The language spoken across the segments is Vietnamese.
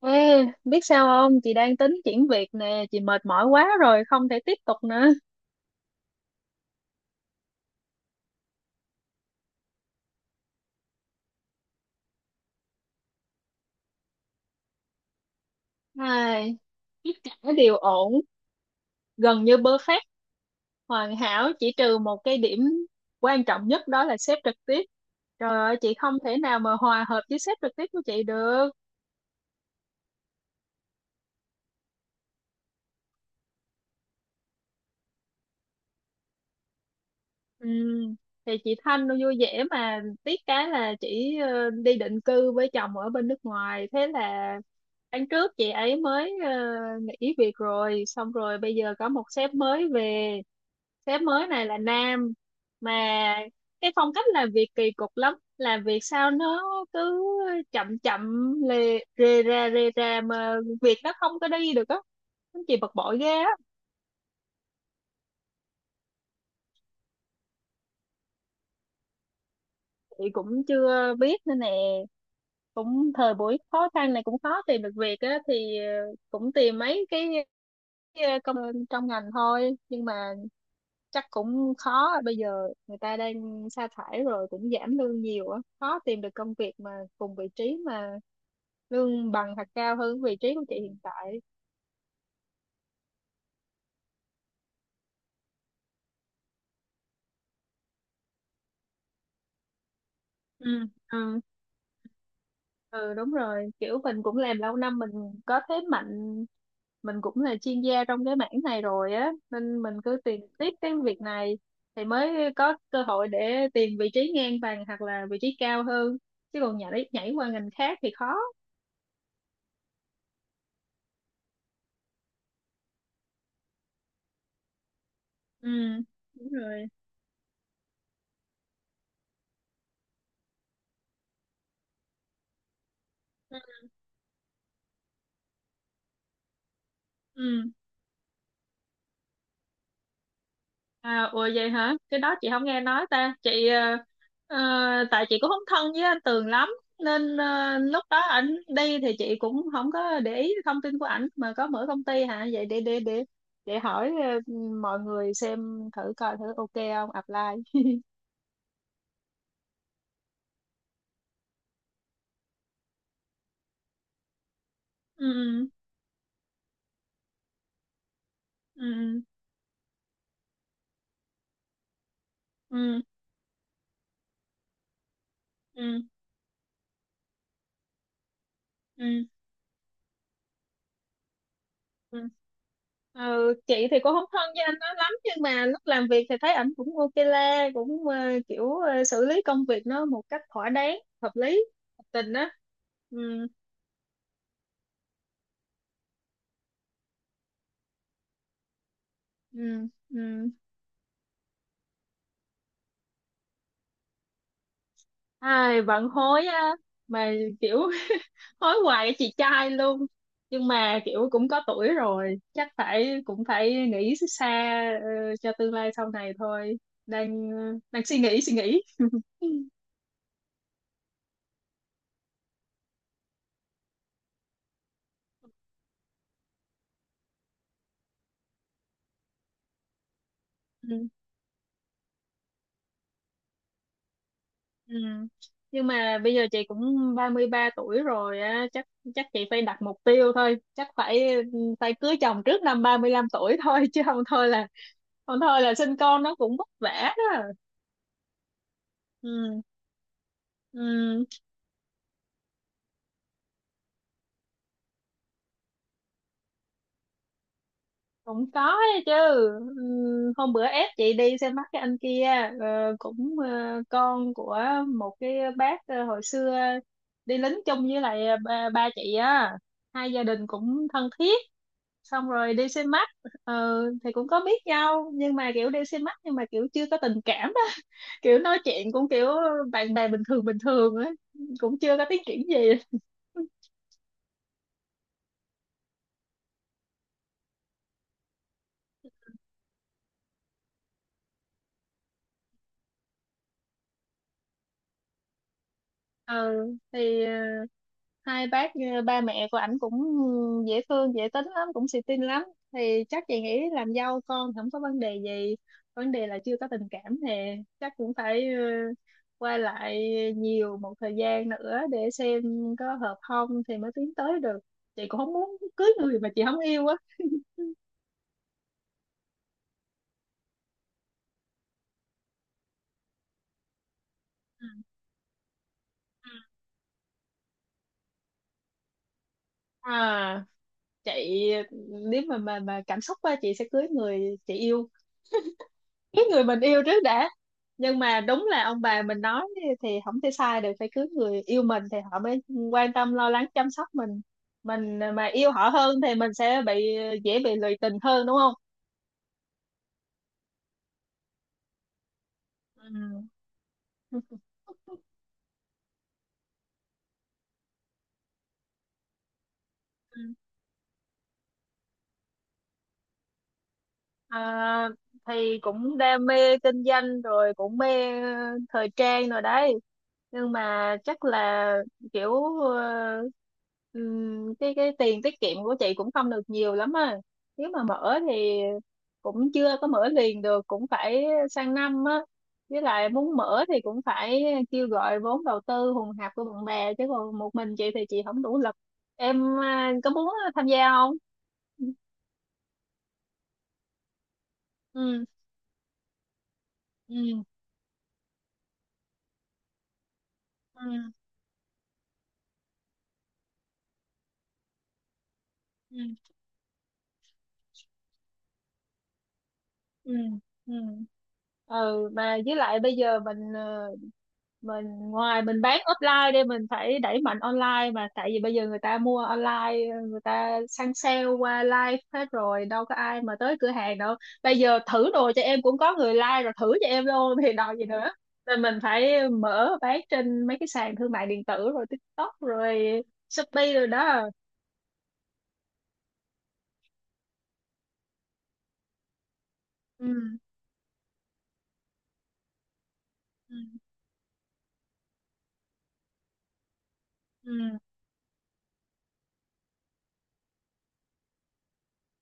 Ê, biết sao không? Chị đang tính chuyển việc nè, chị mệt mỏi quá rồi, không thể tiếp tục nữa. Ai, tất cả đều ổn, gần như perfect, hoàn hảo, chỉ trừ một cái điểm quan trọng nhất đó là sếp trực tiếp. Trời ơi, chị không thể nào mà hòa hợp với sếp trực tiếp của chị được. Ừm, thì chị Thanh nó vui vẻ mà tiếc cái là chị đi định cư với chồng ở bên nước ngoài, thế là tháng trước chị ấy mới nghỉ việc rồi xong rồi bây giờ có một sếp mới về. Sếp mới này là nam mà cái phong cách làm việc kỳ cục lắm, làm việc sao nó cứ chậm chậm lề rề ra mà việc nó không có đi được á, nó chỉ bực bội ghê á. Chị cũng chưa biết nữa nè, cũng thời buổi khó khăn này cũng khó tìm được việc á thì cũng tìm mấy cái công trong ngành thôi nhưng mà chắc cũng khó, bây giờ người ta đang sa thải rồi cũng giảm lương nhiều á, khó tìm được công việc mà cùng vị trí mà lương bằng hoặc cao hơn vị trí của chị hiện tại. Ừ, ừ. Ừ, đúng rồi, kiểu mình cũng làm lâu năm, mình có thế mạnh, mình cũng là chuyên gia trong cái mảng này rồi á nên mình cứ tìm tiếp cái việc này thì mới có cơ hội để tìm vị trí ngang bằng hoặc là vị trí cao hơn, chứ còn nhảy nhảy qua ngành khác thì khó. Ừ, đúng rồi. Ừ. À, ủa vậy hả? Cái đó chị không nghe nói ta. Chị ờ, tại chị cũng không thân với anh Tường lắm nên lúc đó ảnh đi thì chị cũng không có để ý thông tin của ảnh mà có mở công ty hả? Vậy để hỏi ờ, mọi người xem thử coi thử ok không apply. Ừ, ừ, ừ, ừ, ừ, ừ. Ừ. Ờ, chị thì cũng không thân với anh nó lắm nhưng mà lúc làm việc thì thấy ảnh cũng ok la, cũng kiểu xử lý công việc nó một cách thỏa đáng, hợp lý hợp tình đó. Ừ, ừ, ừ. Ai bận hối á, mà kiểu hối hoài với chị trai luôn, nhưng mà kiểu cũng có tuổi rồi chắc phải cũng phải nghĩ xa ờ, cho tương lai sau này thôi, đang đang suy nghĩ Ừ. Nhưng mà bây giờ chị cũng 33 tuổi rồi á, chắc chắc chị phải đặt mục tiêu thôi, chắc phải phải cưới chồng trước năm 35 tuổi thôi chứ không thôi là không thôi là sinh con nó cũng vất vả đó. Ừ. Ừ. Cũng có ấy chứ. Ừ. Hôm bữa ép chị đi xem mắt cái anh kia, ờ, cũng con của một cái bác hồi xưa đi lính chung với lại ba chị á, hai gia đình cũng thân thiết, xong rồi đi xem mắt ờ, thì cũng có biết nhau nhưng mà kiểu đi xem mắt nhưng mà kiểu chưa có tình cảm đó kiểu nói chuyện cũng kiểu bạn bè bình thường ấy, cũng chưa có tiến triển gì. Ừ thì hai bác ba mẹ của ảnh cũng dễ thương, dễ tính lắm, cũng xì tin lắm thì chắc chị nghĩ làm dâu con không có vấn đề gì, vấn đề là chưa có tình cảm thì chắc cũng phải qua lại nhiều một thời gian nữa để xem có hợp không thì mới tiến tới được, chị cũng không muốn cưới người mà chị không yêu á. Ừ. À, chị, nếu mà cảm xúc á chị sẽ cưới người chị yêu, cái người mình yêu trước đã, nhưng mà đúng là ông bà mình nói thì không thể sai được, phải cưới người yêu mình thì họ mới quan tâm lo lắng chăm sóc mình mà yêu họ hơn thì mình sẽ bị, dễ bị lụy tình hơn đúng không. Ừ. À, thì cũng đam mê kinh doanh rồi cũng mê thời trang rồi đấy, nhưng mà chắc là kiểu cái tiền tiết kiệm của chị cũng không được nhiều lắm à, nếu mà mở thì cũng chưa có mở liền được, cũng phải sang năm á, với lại muốn mở thì cũng phải kêu gọi vốn đầu tư hùn hạp của bạn bè chứ còn một mình chị thì chị không đủ lực. Em à, có muốn tham gia không? Ừ, ừ, ừ, ừ, ừ, ừ, ừ mà với lại bây giờ mình mình ngoài mình bán offline đi mình phải đẩy mạnh online, mà tại vì bây giờ người ta mua online, người ta săn sale qua live hết rồi, đâu có ai mà tới cửa hàng đâu. Bây giờ thử đồ cho em cũng có người like rồi, thử cho em luôn thì đòi gì nữa, nên mình phải mở bán trên mấy cái sàn thương mại điện tử rồi TikTok rồi Shopee rồi đó. Ừ, ừ, ừ,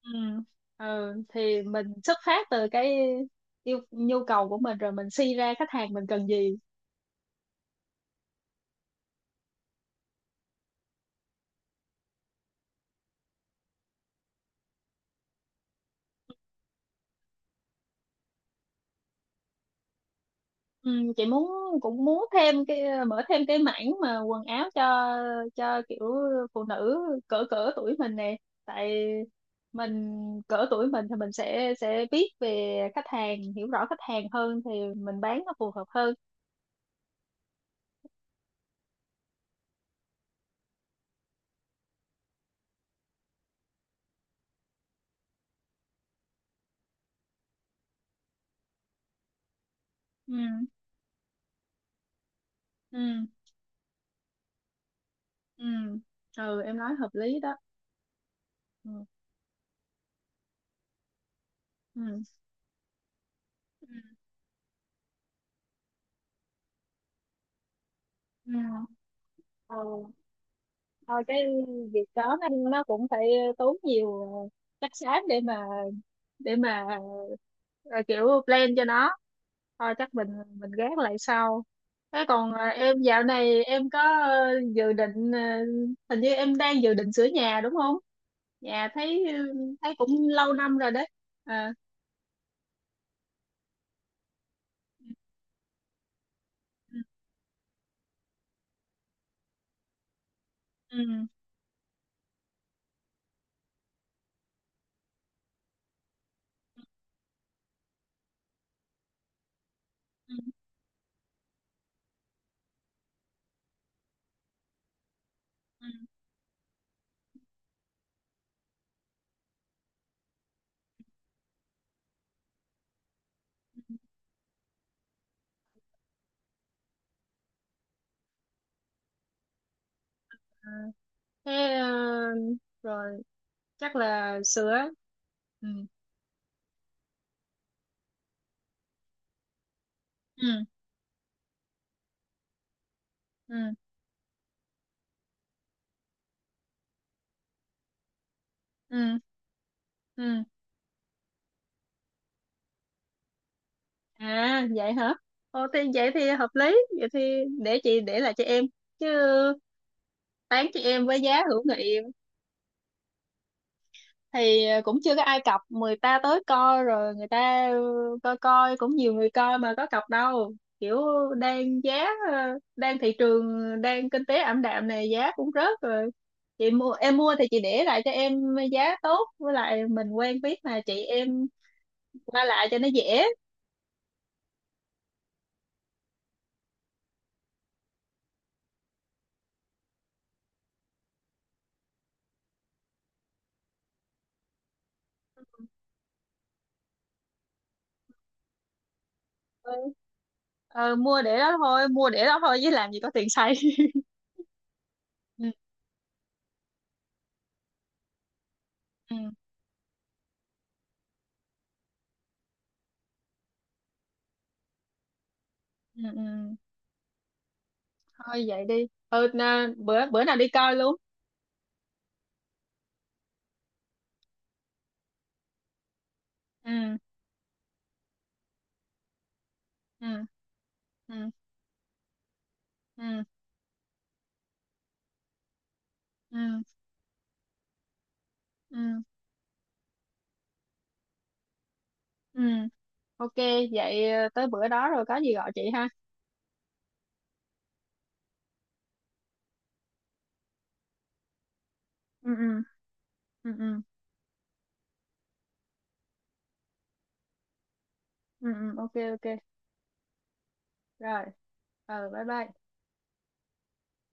ừ. Ừ. Thì mình xuất phát từ cái yêu nhu cầu của mình rồi mình suy ra khách hàng mình cần gì. Ừ. Chị muốn, cũng muốn thêm cái, mở thêm cái mảng mà quần áo cho kiểu phụ nữ cỡ cỡ tuổi mình nè, tại mình cỡ tuổi mình thì mình sẽ biết về khách hàng, hiểu rõ khách hàng hơn thì mình bán nó phù hợp hơn. Ừ, ừ, ừ, ừ em nói hợp lý đó. Ừ, ừ, ừ, ừ. Ừ. Thôi cái việc đó nó cũng phải tốn nhiều chất xám để mà để mà kiểu plan cho nó, thôi chắc mình gác lại sau. Thế còn em dạo này em có dự định hình như em đang dự định sửa nhà đúng không, nhà thấy thấy cũng lâu năm rồi đấy. À, ừ, ừ, ừ. À, thế ờ, rồi chắc là sửa. Ừ. Ừ, ừ, ừ, ừ. À vậy hả? Ồ thì vậy thì hợp lý, vậy thì để chị để lại cho em chứ, bán cho em với giá hữu nghị. Thì cũng chưa có ai cọc, người ta tới coi rồi người ta coi, coi cũng nhiều người coi mà có cọc đâu. Kiểu đang giá đang thị trường, đang kinh tế ảm đạm này giá cũng rớt rồi. Chị mua em mua thì chị để lại cho em giá tốt, với lại mình quen biết mà, chị em qua lại cho nó dễ. Ừ. Ờ, mua để đó thôi, mua để đó thôi chứ làm gì có tiền xây ừ, ừ, ừ, ừ. Thôi vậy đi, ừ, bữa bữa nào đi coi luôn. Ừ, ừ, ừ, ừ, ừ, ừ, ừ. Ok. Vậy tới bữa đó rồi có gì gọi chị ha. Ừ, ừ, ừ, ừ, ừ, ừ, ok ok rồi. Ừ, bye bye.